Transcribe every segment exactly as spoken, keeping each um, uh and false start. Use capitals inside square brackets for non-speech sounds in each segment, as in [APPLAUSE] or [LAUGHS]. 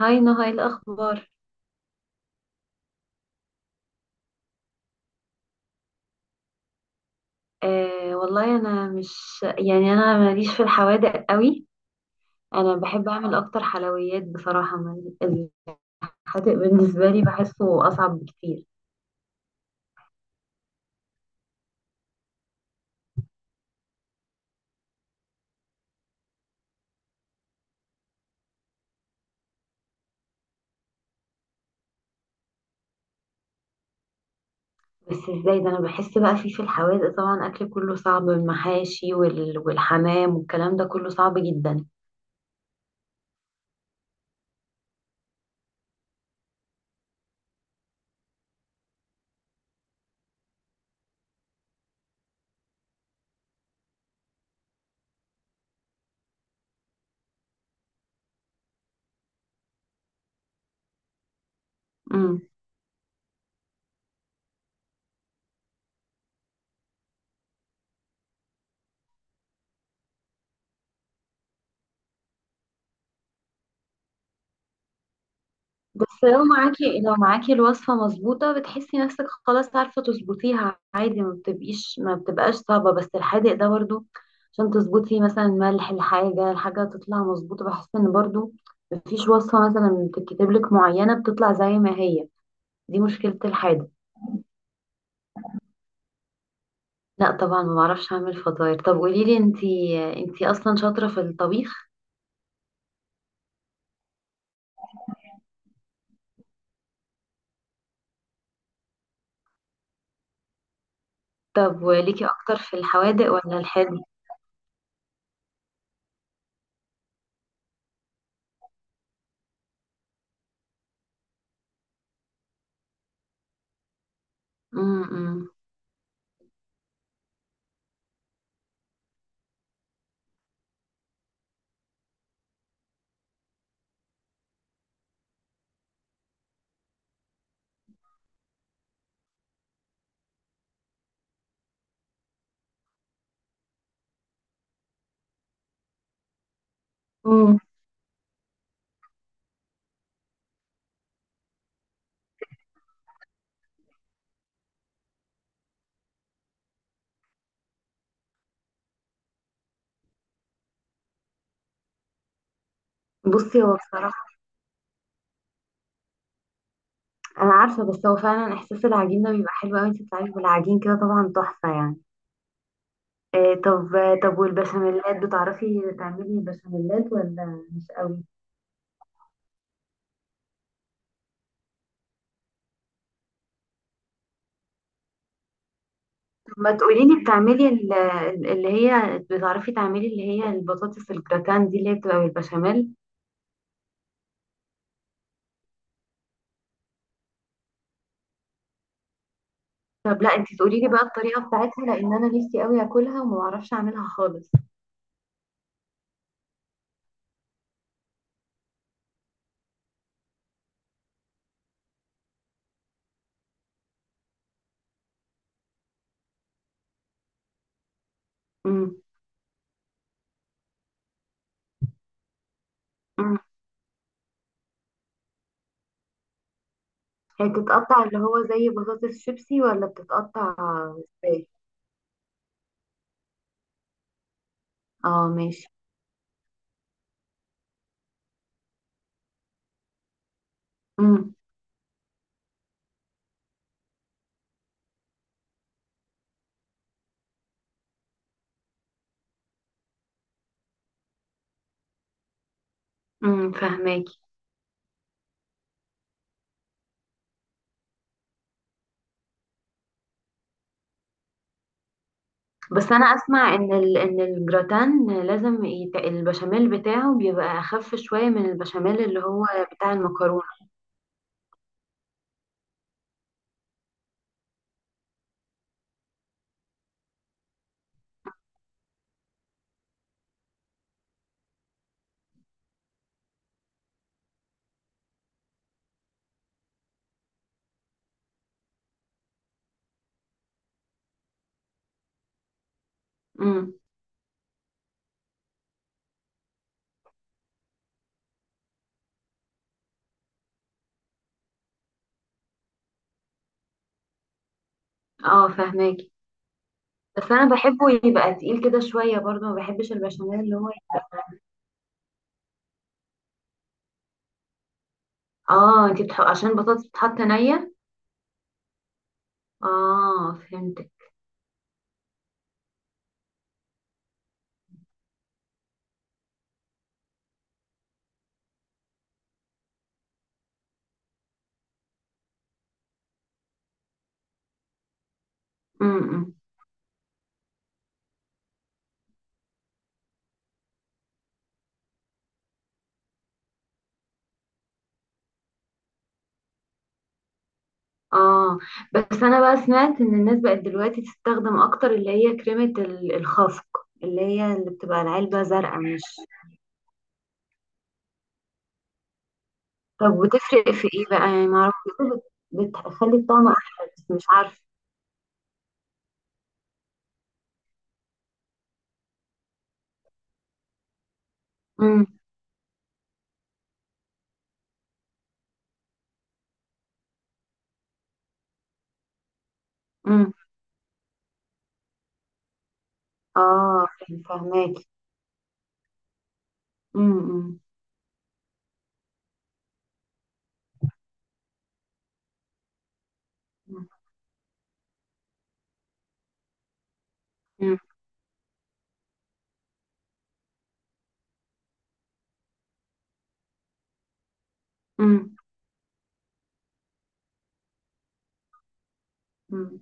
هاي نهى، ايه الاخبار؟ آه، والله انا مش، يعني انا ماليش في الحوادق قوي. انا بحب اعمل اكتر حلويات بصراحه. ما- الحادق بالنسبه لي بحسه اصعب بكتير. بس ازاي ده؟ انا بحس بقى فيه في الحوادق طبعا اكل كله صعب، المحاشي وال- والحمام والكلام ده كله صعب جدا. بس لو معاكي لو معاكي الوصفة مظبوطة، بتحسي نفسك خلاص عارفة تظبطيها عادي، ما بتبقيش ما بتبقاش صعبة. بس الحادق ده برضو عشان تظبطي مثلا ملح الحاجة الحاجة تطلع مظبوطة، بحس ان برضو مفيش وصفة مثلا بتتكتب لك معينة بتطلع زي ما هي. دي مشكلة الحادق. لا طبعا ما بعرفش اعمل فطاير. طب قوليلي انتي انتي اصلا شاطرة في الطبيخ. طب وليكي اكتر في الحوادق ولا الحادق؟ امم أمم. بصي، هو بصراحة انا عارفه، بس هو فعلا احساس العجين ده بيبقى حلو قوي. انت بتعملي بالعجين كده طبعا تحفه يعني. إيه؟ طب طب والبشاميلات، بتعرفي تعملي بشاميلات ولا مش قوي؟ طب ما تقولي لي، بتعملي ال- اللي هي بتعرفي تعملي اللي هي البطاطس الجراتان دي اللي هي بتبقى بالبشاميل. طب لا انت تقولي لي بقى الطريقه بتاعتها، لان انا نفسي قوي اكلها وما بعرفش اعملها خالص. امم أمم. هي بتتقطع اللي هو زي بطاطس شيبسي، ولا بتتقطع ازاي؟ اه، ماشي. امم، امم، فهماكي. بس انا اسمع ان ال... ان الجراتان لازم يت... البشاميل بتاعه بيبقى اخف شويه من البشاميل اللي هو بتاع المكرونه. امم، اه، فهماكي. بس انا بحبه يبقى تقيل كده شويه برضه، ما بحبش البشاميل اللي هو. اه، انتي بتح... عشان البطاطس بتتحط نيه. اه، فهمتك. امم. اه، بس انا بقى سمعت ان الناس بقت دلوقتي تستخدم اكتر اللي هي كريمه ال- الخفق، اللي هي اللي بتبقى العلبه زرقاء، مش؟ طب وتفرق في ايه بقى يعني؟ ما اعرفش، بيقولوا بت- بتخلي الطعم احلى، بس مش عارفه. امم، امم، اه، فاهم- فهماكي. امم، امم، امم. مم.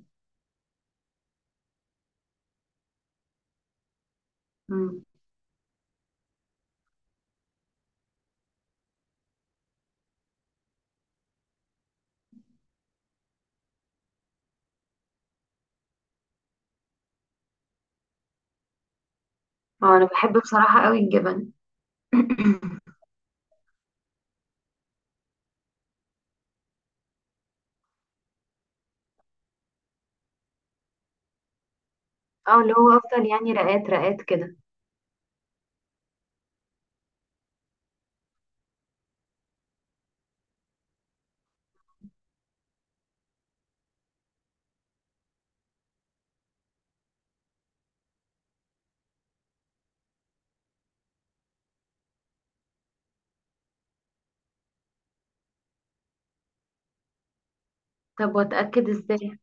مم. اه، انا بحب بصراحه قوي الجبن. [COUGHS] [CLEARS THROAT] اه، اللي هو افضل يعني رقات رقات كده. طب واتاكد ازاي؟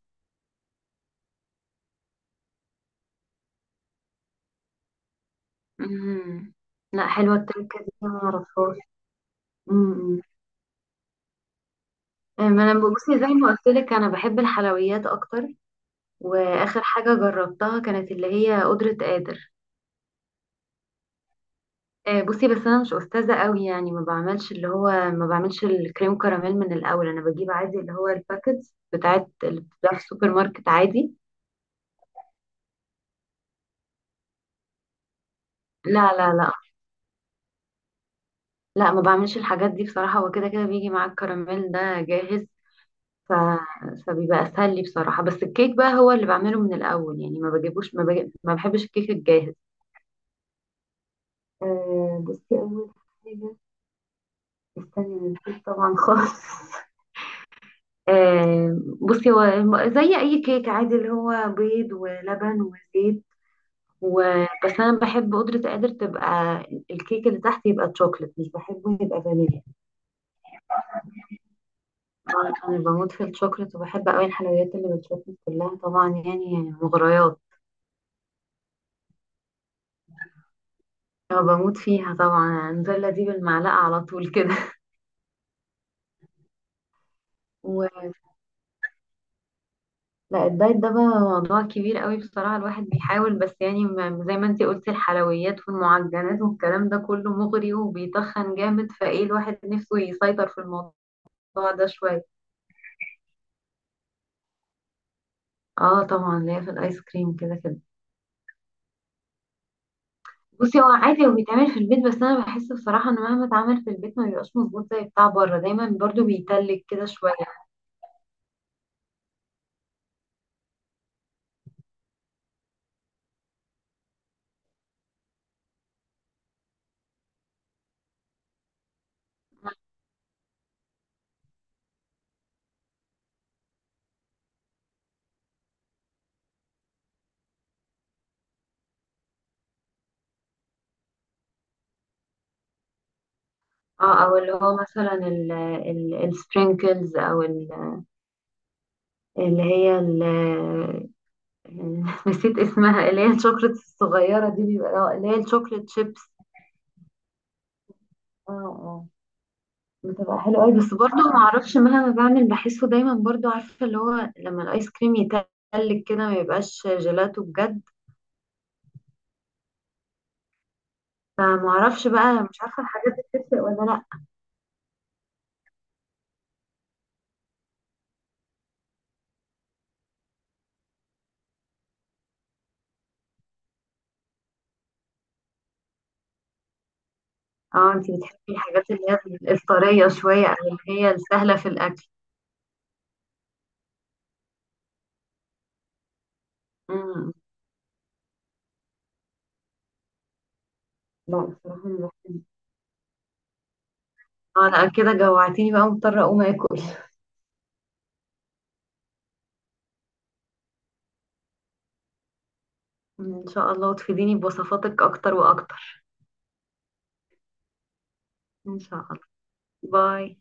امم. لا حلوه التركه دي، أنا ما اعرفهاش. امم. أمم. ما انا بصي، زي ما قلت لك انا بحب الحلويات اكتر. واخر حاجه جربتها كانت اللي هي قدره قادر. آه، بصي، بس انا مش استاذه قوي يعني، ما بعملش اللي هو ما بعملش الكريم كراميل من الاول. انا بجيب عادي اللي هو الباكتس بتاعت اللي بتتباع في السوبر ماركت عادي. لا، لا، لا، لا، ما بعملش الحاجات دي بصراحه. هو كده كده بيجي مع الكراميل ده جاهز. ف... فبيبقى اسهل لي بصراحه. بس الكيك بقى هو اللي بعمله من الاول، يعني ما بجيبوش. ما, بجيب... ما بحبش الكيك الجاهز. آه، بصي، اول حاجه، استني أنا نسيت طبعا خالص. [LAUGHS] آه، بصي، هو زي اي كيك عادي اللي هو بيض ولبن وزيت وبس. انا بحب قدرة قادر تبقى الكيك اللي تحت يبقى تشوكلت، مش بحبه يبقى فانيليا. طبعاً انا بموت في الشوكلت، وبحب قوي الحلويات اللي بالشوكلت كلها طبعا يعني، مغريات. أنا بموت فيها طبعا. النوتيلا دي بالمعلقة على طول كده. [LAUGHS] لا الدايت ده بقى موضوع كبير قوي بصراحة. الواحد بيحاول بس يعني، ما- زي ما انتي قلتي، الحلويات والمعجنات والكلام ده كله مغري وبيتخن جامد، فايه الواحد نفسه يسيطر في الموضوع ده شوية. اه طبعا ليا في الايس كريم كده كده. بصي، هو عادي هو بيتعمل في البيت، بس انا بحس بصراحة ان مهما اتعمل في البيت ما بيبقاش مظبوط زي بتاع بره، دايما برضو بيتلج كده شوية. اه، او اللي هو مثلا ال- ال- السبرينكلز، او ال- اللي هي يعني، [LAUGHS] نسيت اسمها، اللي هي الشوكلت الصغيرة دي بيبقى، اه، اللي هي الشوكلت شيبس. اه، اه، بتبقى حلوة قوي. بس برضه ما اعرفش، مهما بعمل بحسه دايما برضه عارفة، اللي هو لما الايس كريم يتلج كده ما يبقاش جيلاتو بجد. فما اعرفش بقى، مش عارفة الحاجات دي بتفرق ولا لا. اه، انتي بتحبي الحاجات اللي هي الطرية شوية او اللي هي السهلة في الاكل امم، لا بصراحة ما بحبش. اه لا كده جوعتيني، بقى مضطرة اقوم اكل. ان شاء الله، وتفيديني بوصفاتك اكتر واكتر. ان شاء الله. باي.